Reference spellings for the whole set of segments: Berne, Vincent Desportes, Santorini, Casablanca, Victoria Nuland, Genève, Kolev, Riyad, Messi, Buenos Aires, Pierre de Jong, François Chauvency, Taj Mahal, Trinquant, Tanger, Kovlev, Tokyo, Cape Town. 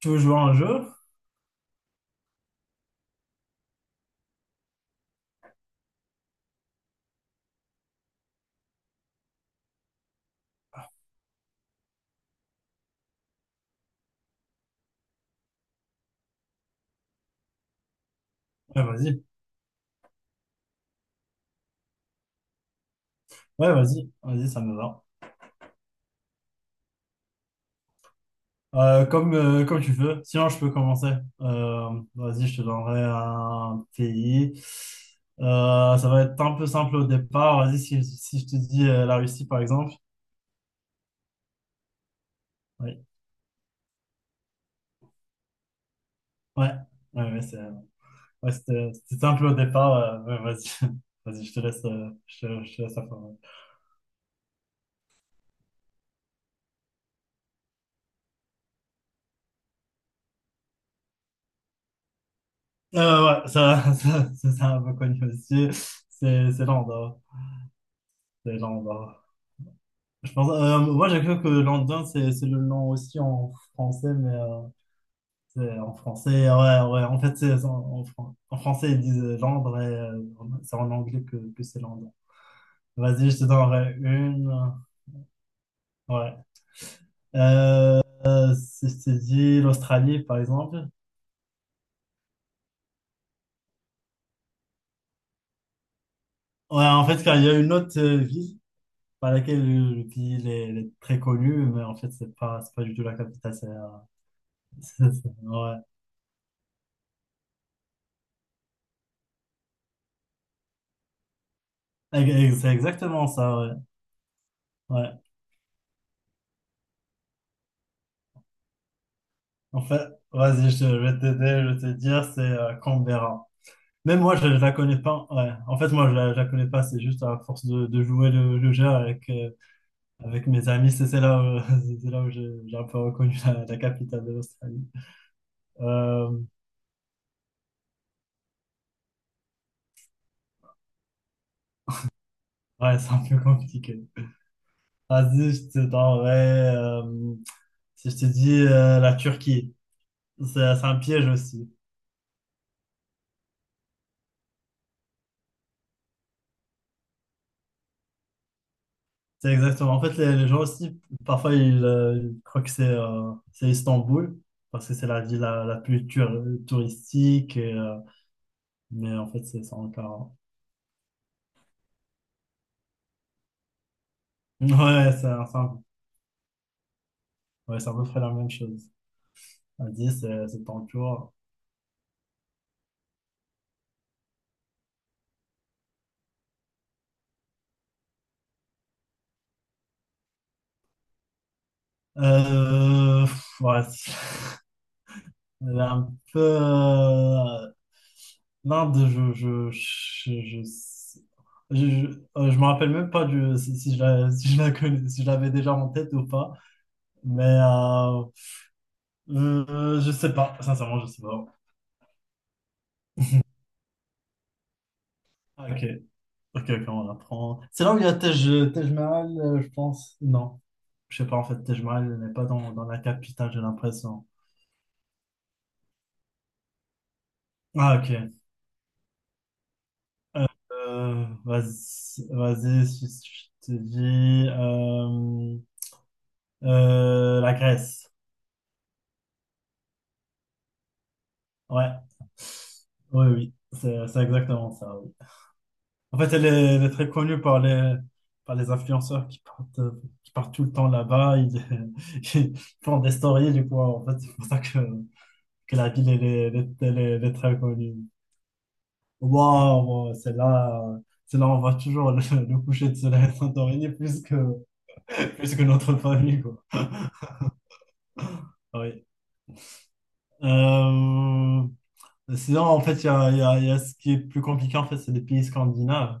Tu veux jouer à un jeu? Ouais, vas-y. Ouais, vas-y. Vas-y, ça me va. Comme, comme tu veux. Sinon, je peux commencer. Euh, vas-y, je te donnerai un pays. Ça va être un peu simple au départ. Vas-y, si je te dis la Russie, par exemple. Oui. Ouais. Ouais, ouais, ouais, c'était simple au départ. Ouais, vas-y. Vas-y, je te laisse, je te laisse la parole. Ouais, ça, ça, c'est un peu connu aussi. C'est l'Andorre. C'est l'Andorre. Je pense, moi, j'ai cru que London, c'est le nom aussi en français, mais c'est en français, ouais, ouais. En fait, en français, ils disent Londres et c'est en anglais que c'est London. Vas-y, je te donnerai une. Ouais. Euh, si je t'ai dit l'Australie, par exemple. Ouais, en fait, car il y a une autre ville par laquelle le pays il est très connu, mais en fait, c'est pas du tout la capitale. C'est Ouais. C'est exactement ça, ouais. Ouais. En fait, vas-y, je vais t'aider, je vais te dire, c'est Canberra. Même moi, je ne la connais pas. Ouais. En fait, moi, je la connais pas. C'est juste à force de jouer le jeu avec, avec mes amis. C'est là où, c'est là où j'ai un peu reconnu la capitale de l'Australie. Euh, ouais, c'est un peu compliqué. Vas-y, je te donnerai. Si je te dis la Turquie, c'est un piège aussi. C'est exactement. En fait, les gens aussi, parfois, ils croient que c'est Istanbul, parce que c'est la ville la plus touristique, et, mais en fait, c'est encore... Ouais, ouais, c'est à peu près la même chose. À 10, c'est toujours... Ouais, elle est un peu... L'Inde, Je je me rappelle même pas si je si je si je l'avais déjà en tête ou pas. Mais je sais pas, sincèrement, je sais pas. Ah, ok, ok, ok, on apprend. C'est là où il y a Tej Mahal, je pense. Non, je sais pas, en fait, Tej Mahal n'est pas dans la capitale, j'ai l'impression. Ah, ok. Vas-y, si je te dis la Grèce. Ouais, oui, oui, c'est exactement ça. Ouais. En fait, elle est très connue par par les influenceurs qui partent tout le temps là-bas. Ils, ils font des stories, du coup. En fait, c'est pour ça que la ville, elle est très connue. Waouh, waouh, c'est là, on voit toujours le coucher de soleil à Santorini plus que notre famille, quoi. Ah oui. Sinon, en fait, il y a ce qui est plus compliqué, en fait, c'est les pays scandinaves.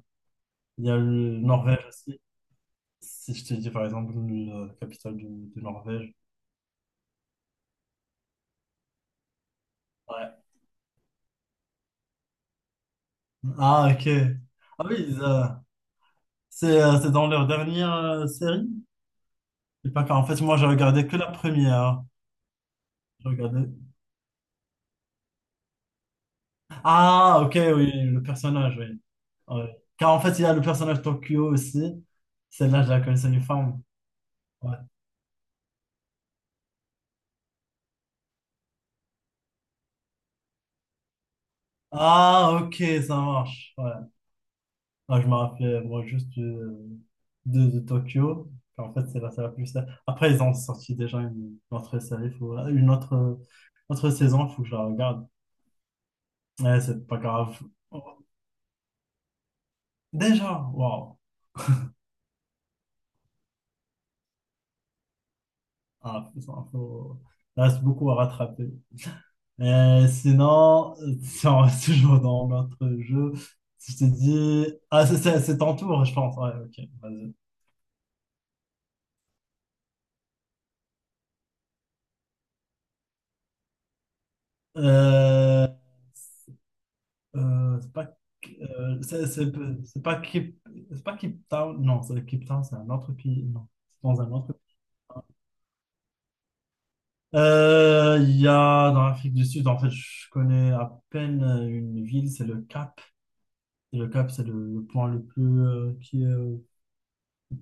Il y a le Norvège aussi. Si je te dis par exemple la capitale de Norvège. Ouais. Ah, ok. Ah oui, c'est dans leur dernière série? Je sais pas car en fait, moi, j'ai regardé que la première. Hein. J'ai regardé... Ah, ok, oui, le personnage, oui. Ouais. Car en fait, il y a le personnage Tokyo aussi. Celle-là, je la connaissais une femme. Ouais. Ah, ok, ça marche. Ouais. Ah, je me rappelais, moi, juste de Tokyo. En fait, c'est la série la plus... Après, ils ont sorti déjà une autre série, autre saison, il faut que je la regarde. Ouais, c'est pas grave. Oh, déjà, waouh! Ah, il reste beaucoup à rattraper. Et sinon, si on reste toujours dans notre jeu, si je te dis... Ah, c'est ton tour, je pense. Ouais, ok, vas-y. Euh, Euh, c'est pas, euh, c'est c'est- c'est pas Cape, c'est pas Cape Town, non, c'est Cape Town, c'est un autre pays, non, c'est dans un autre. Il y a dans l'Afrique du Sud, en fait, je connais à peine une ville, c'est le Cap. Et le Cap, c'est le point le plus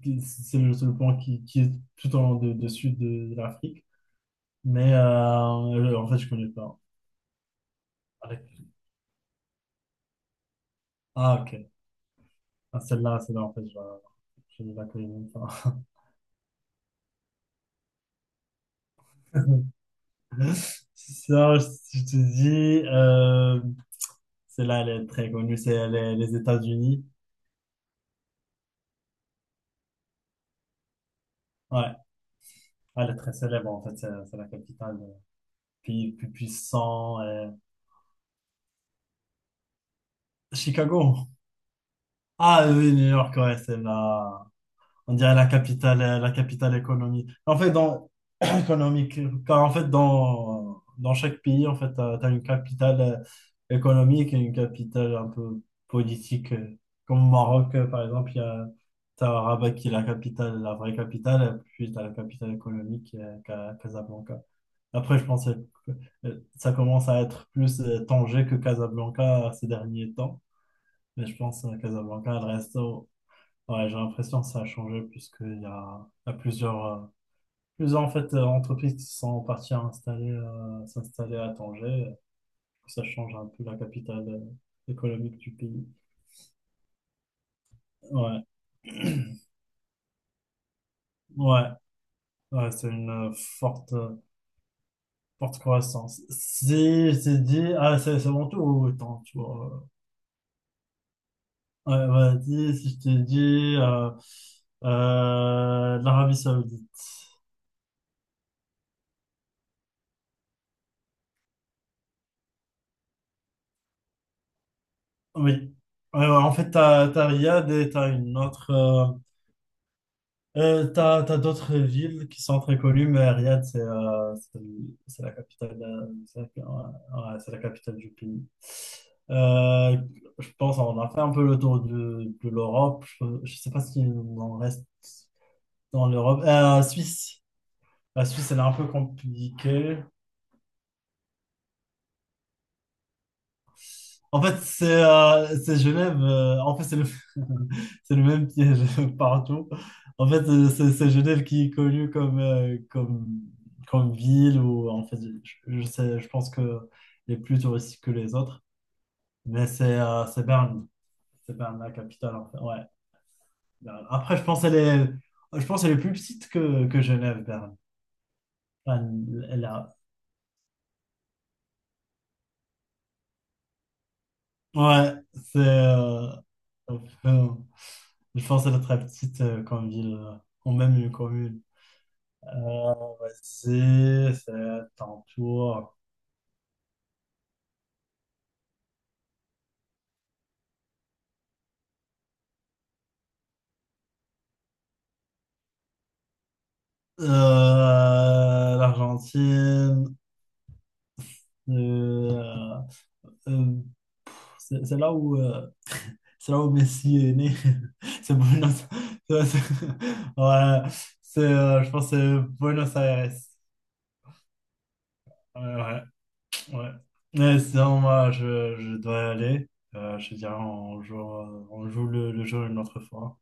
c'est le point qui est tout en de sud de l'Afrique. Mais en fait, je connais pas. Avec- Ah, ok. Ah, celle-là, en fait, je ne la connais même pas. Ça, je te dis, celle-là, elle est très connue, c'est les États-Unis. Ouais, elle est très célèbre, en fait, c'est la capitale, pays le plus puissant. Chicago. Ah oui, New York, ouais, on dirait la capitale économique. En fait, économique. Car en fait, dans chaque pays, en fait, une capitale économique et une capitale un peu politique. Comme au Maroc, par exemple, il y a t'as Rabat qui est la capitale, la vraie capitale, et puis tu as la capitale économique qui est Casablanca. Après, je pensais que ça commence à être plus Tanger que Casablanca ces derniers temps. Mais je pense que Casablanca, elle reste au- Ouais, j'ai l'impression que ça a changé puisqu'il y a plusieurs entreprises qui sont parties à installer, s'installer à Tanger. Ça change un peu la capitale économique du pays. Ouais, ouais, ouais, c'est une forte, euh, forte croissance. Si je t'ai dit, ah, c'est mon tour, ou attends, tu vois. Ouais, vas-y, si je t'ai dit, l'Arabie Saoudite. Oui. En fait, t'as Riyad et t'as une autre. T'as d'autres villes qui sont très connues, mais Riyad, c'est la capitale, ouais, ouais, c'est la capitale du pays. Euh, je pense qu'on a fait un peu le tour de l'Europe. Je sais pas s'il en reste dans l'Europe. Suisse. La Suisse, elle est un peu compliquée. En fait, c'est Genève. En fait, c'est le même piège partout. En fait, c'est Genève qui est connue comme ville où, en fait, je sais, je pense que elle est plus touristique que les autres. Mais c'est Berne. C'est Berne, la capitale. En fait. Ouais, Berne. Après, je pense qu'elle est plus petite que Genève, Berne. Berne, elle a... Ouais, c'est... enfin, je pense qu'elle est très petite comme ville, ou même une commune. Euh, vas-y, c'est ton tour. Euh, l'Argentine, euh, euh, c'est c'est là où, euh, c'est là où Messi est né. C'est Buenos c'est- c'est- Ouais, je pense que c'est Buenos Aires. Ouais, ouais, ouais. Mais sinon, moi, je dois y aller. Je te dirais, on joue le jeu une autre fois.